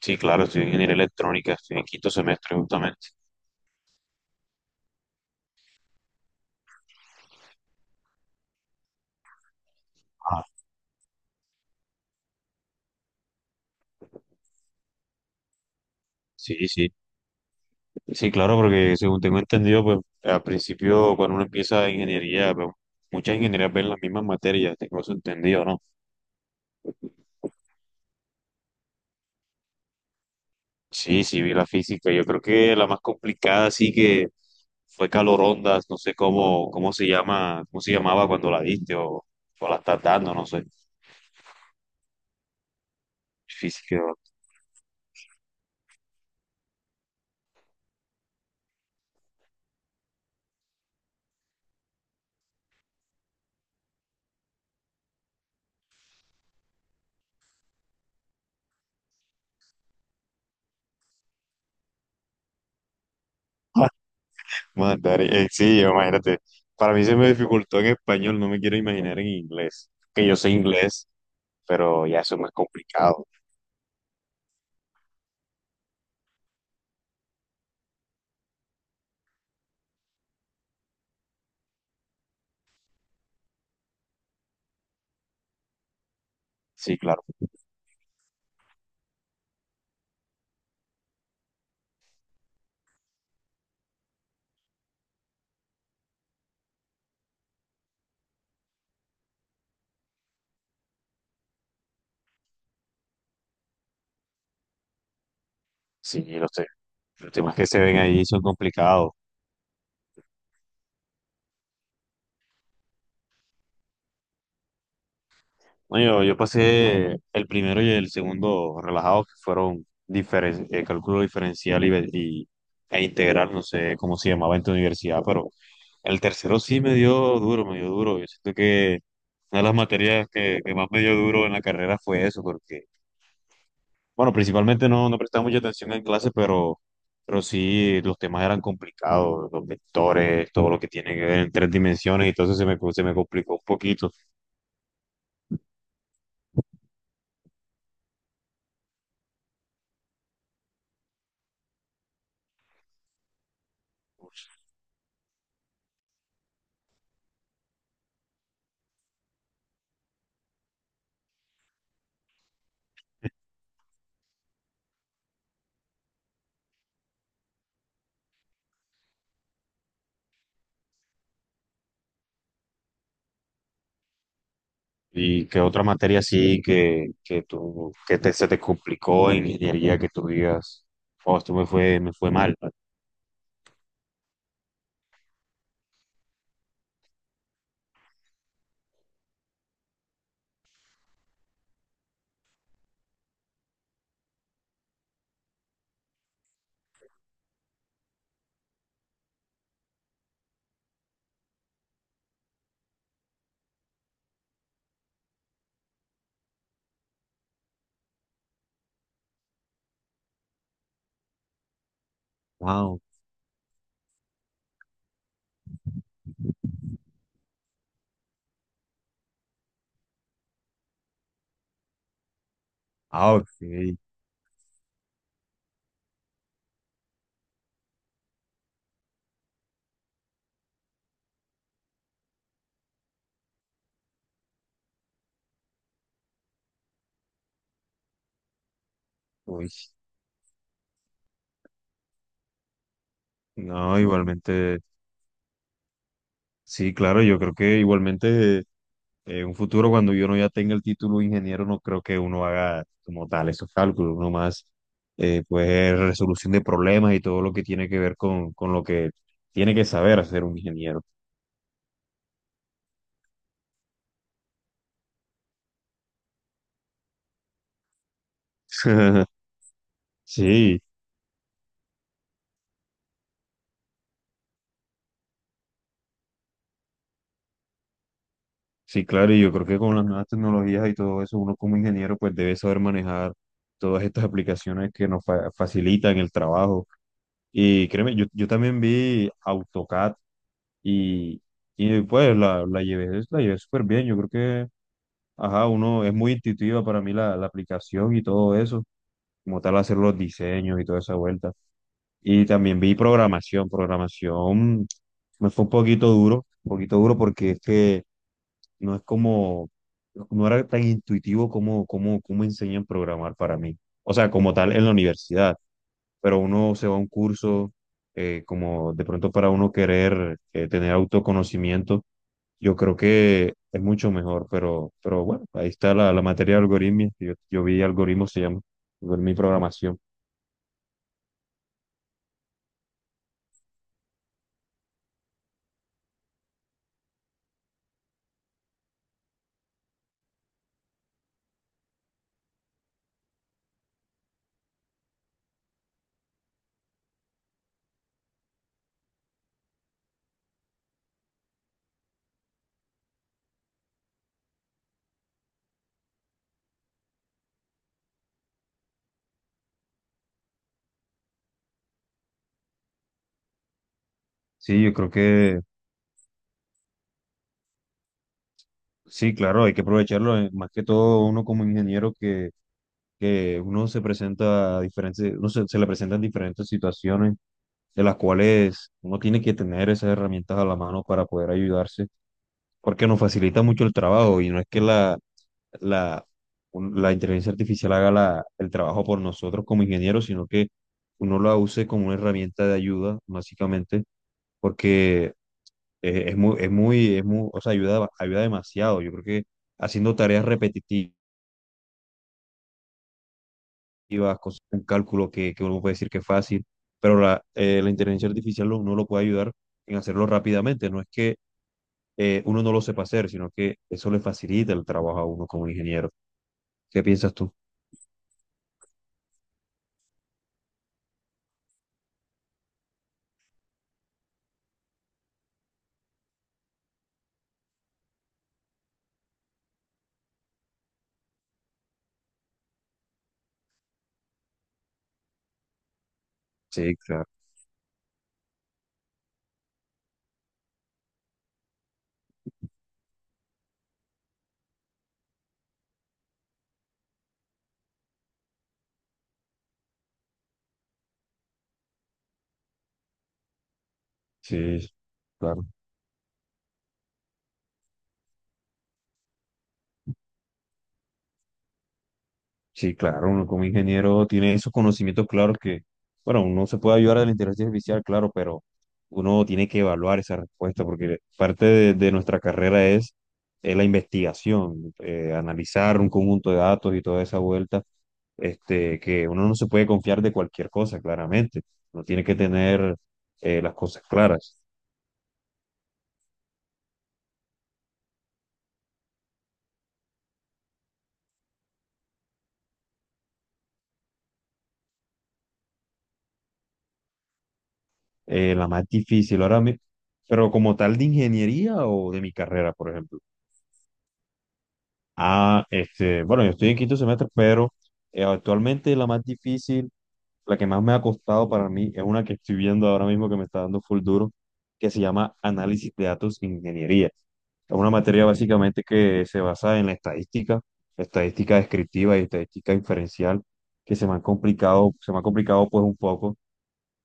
Sí, claro, estoy en ingeniería electrónica, estoy en quinto semestre justamente. Ah, sí, sí. Sí, claro, porque según tengo entendido, pues al principio cuando uno empieza ingeniería, pues, muchas ingenierías ven las mismas materias, tengo eso entendido, ¿no? Sí, sí, vi la física. Yo creo que la más complicada sí que fue calorondas, no sé cómo, cómo se llama, cómo se llamaba cuando la diste o la estás dando, no sé. Física. Mandar, sí, imagínate. Para mí se me dificultó en español, no me quiero imaginar en inglés. Que yo sé inglés, pero ya eso es más complicado. Sí, claro, sí, lo sé. Los temas que se ven ahí son complicados. No, yo pasé el primero y el segundo relajados, que fueron cálculo diferencial y e integral, no sé cómo se llamaba en tu universidad, pero el tercero sí me dio duro, me dio duro. Yo siento que una de las materias que más me dio duro en la carrera fue eso, porque bueno, principalmente no, no prestaba mucha atención en clase, pero sí los temas eran complicados, los vectores, todo lo que tiene que ver en tres dimensiones, y entonces se me complicó un poquito. ¿Y qué otra materia sí que tú, que te, se te complicó en ingeniería que tú digas, oh, esto me fue mal? Wow, ah, ok. Uy, no, igualmente. Sí, claro, yo creo que igualmente en un futuro cuando yo no ya tenga el título de ingeniero, no creo que uno haga como tal esos cálculos, uno más pues resolución de problemas y todo lo que tiene que ver con lo que tiene que saber hacer un ingeniero. Sí, sí, claro, y yo creo que con las nuevas tecnologías y todo eso, uno como ingeniero pues debe saber manejar todas estas aplicaciones que nos facilitan el trabajo. Y créeme, yo también vi AutoCAD. Y pues la llevé, la llevé súper bien. Yo creo que, ajá, uno es muy intuitiva para mí la aplicación y todo eso, como tal hacer los diseños y toda esa vuelta. Y también vi programación. Programación me fue un poquito duro porque es que no es como, no era tan intuitivo como, como, como enseñan a programar para mí. O sea, como tal en la universidad, pero uno se va a un curso como de pronto para uno querer tener autoconocimiento, yo creo que es mucho mejor, pero bueno, ahí está la materia de algoritmos, yo vi algoritmos, se llama, algoritmo y programación. Sí, yo creo que sí, claro, hay que aprovecharlo, más que todo uno como ingeniero que uno se presenta a diferentes, uno se, se le presentan diferentes situaciones de las cuales uno tiene que tener esas herramientas a la mano para poder ayudarse, porque nos facilita mucho el trabajo y no es que la, la inteligencia artificial haga el trabajo por nosotros como ingenieros, sino que uno la use como una herramienta de ayuda, básicamente, porque es muy, es muy, es muy, o sea, ayuda, ayuda demasiado. Yo creo que haciendo tareas repetitivas, cosas, un cálculo que uno puede decir que es fácil, pero la inteligencia artificial uno lo puede ayudar en hacerlo rápidamente. No es que uno no lo sepa hacer, sino que eso le facilita el trabajo a uno como ingeniero. ¿Qué piensas tú? Sí, claro. Sí, claro. Sí, claro, uno como ingeniero tiene esos conocimientos claros que, bueno, uno se puede ayudar de la inteligencia artificial, claro, pero uno tiene que evaluar esa respuesta porque parte de nuestra carrera es la investigación, analizar un conjunto de datos y toda esa vuelta, este, que uno no se puede confiar de cualquier cosa, claramente. Uno tiene que tener las cosas claras. La más difícil ahora mismo, pero como tal de ingeniería o de mi carrera, por ejemplo. Ah, este, bueno, yo estoy en quinto semestre, pero actualmente la más difícil, la que más me ha costado para mí, es una que estoy viendo ahora mismo que me está dando full duro, que se llama Análisis de Datos e Ingeniería. Es una materia básicamente que se basa en la estadística, estadística descriptiva y estadística inferencial, que se me han complicado, se me ha complicado pues un poco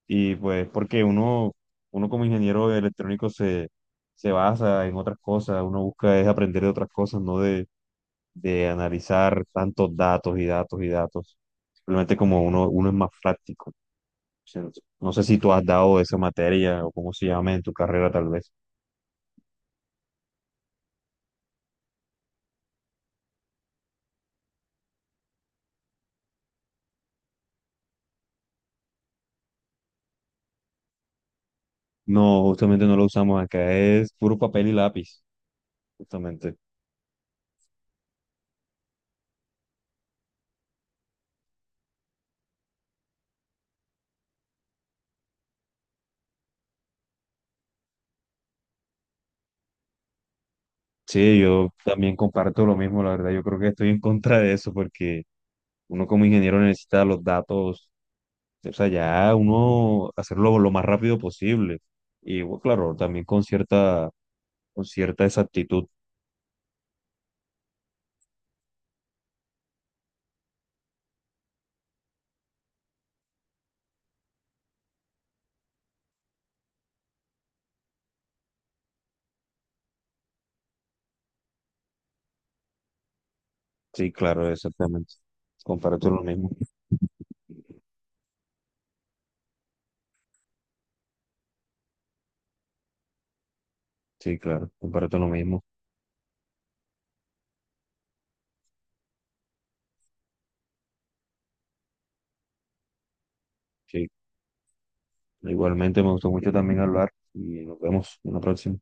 y pues porque uno, uno como ingeniero electrónico se, se basa en otras cosas, uno busca es aprender de otras cosas, no de, de analizar tantos datos y datos y datos. Simplemente como uno, uno es más práctico. ¿Cierto? No sé si tú has dado esa materia o cómo se llama en tu carrera tal vez. No, justamente no lo usamos acá, es puro papel y lápiz, justamente. Sí, yo también comparto lo mismo, la verdad. Yo creo que estoy en contra de eso porque uno como ingeniero necesita los datos, o sea, ya uno hacerlo lo más rápido posible. Y bueno, claro, también con cierta exactitud. Sí, claro, exactamente. Comparto lo mismo. Sí, claro, comparto lo mismo. Sí, igualmente me gustó mucho también hablar y nos vemos en la próxima.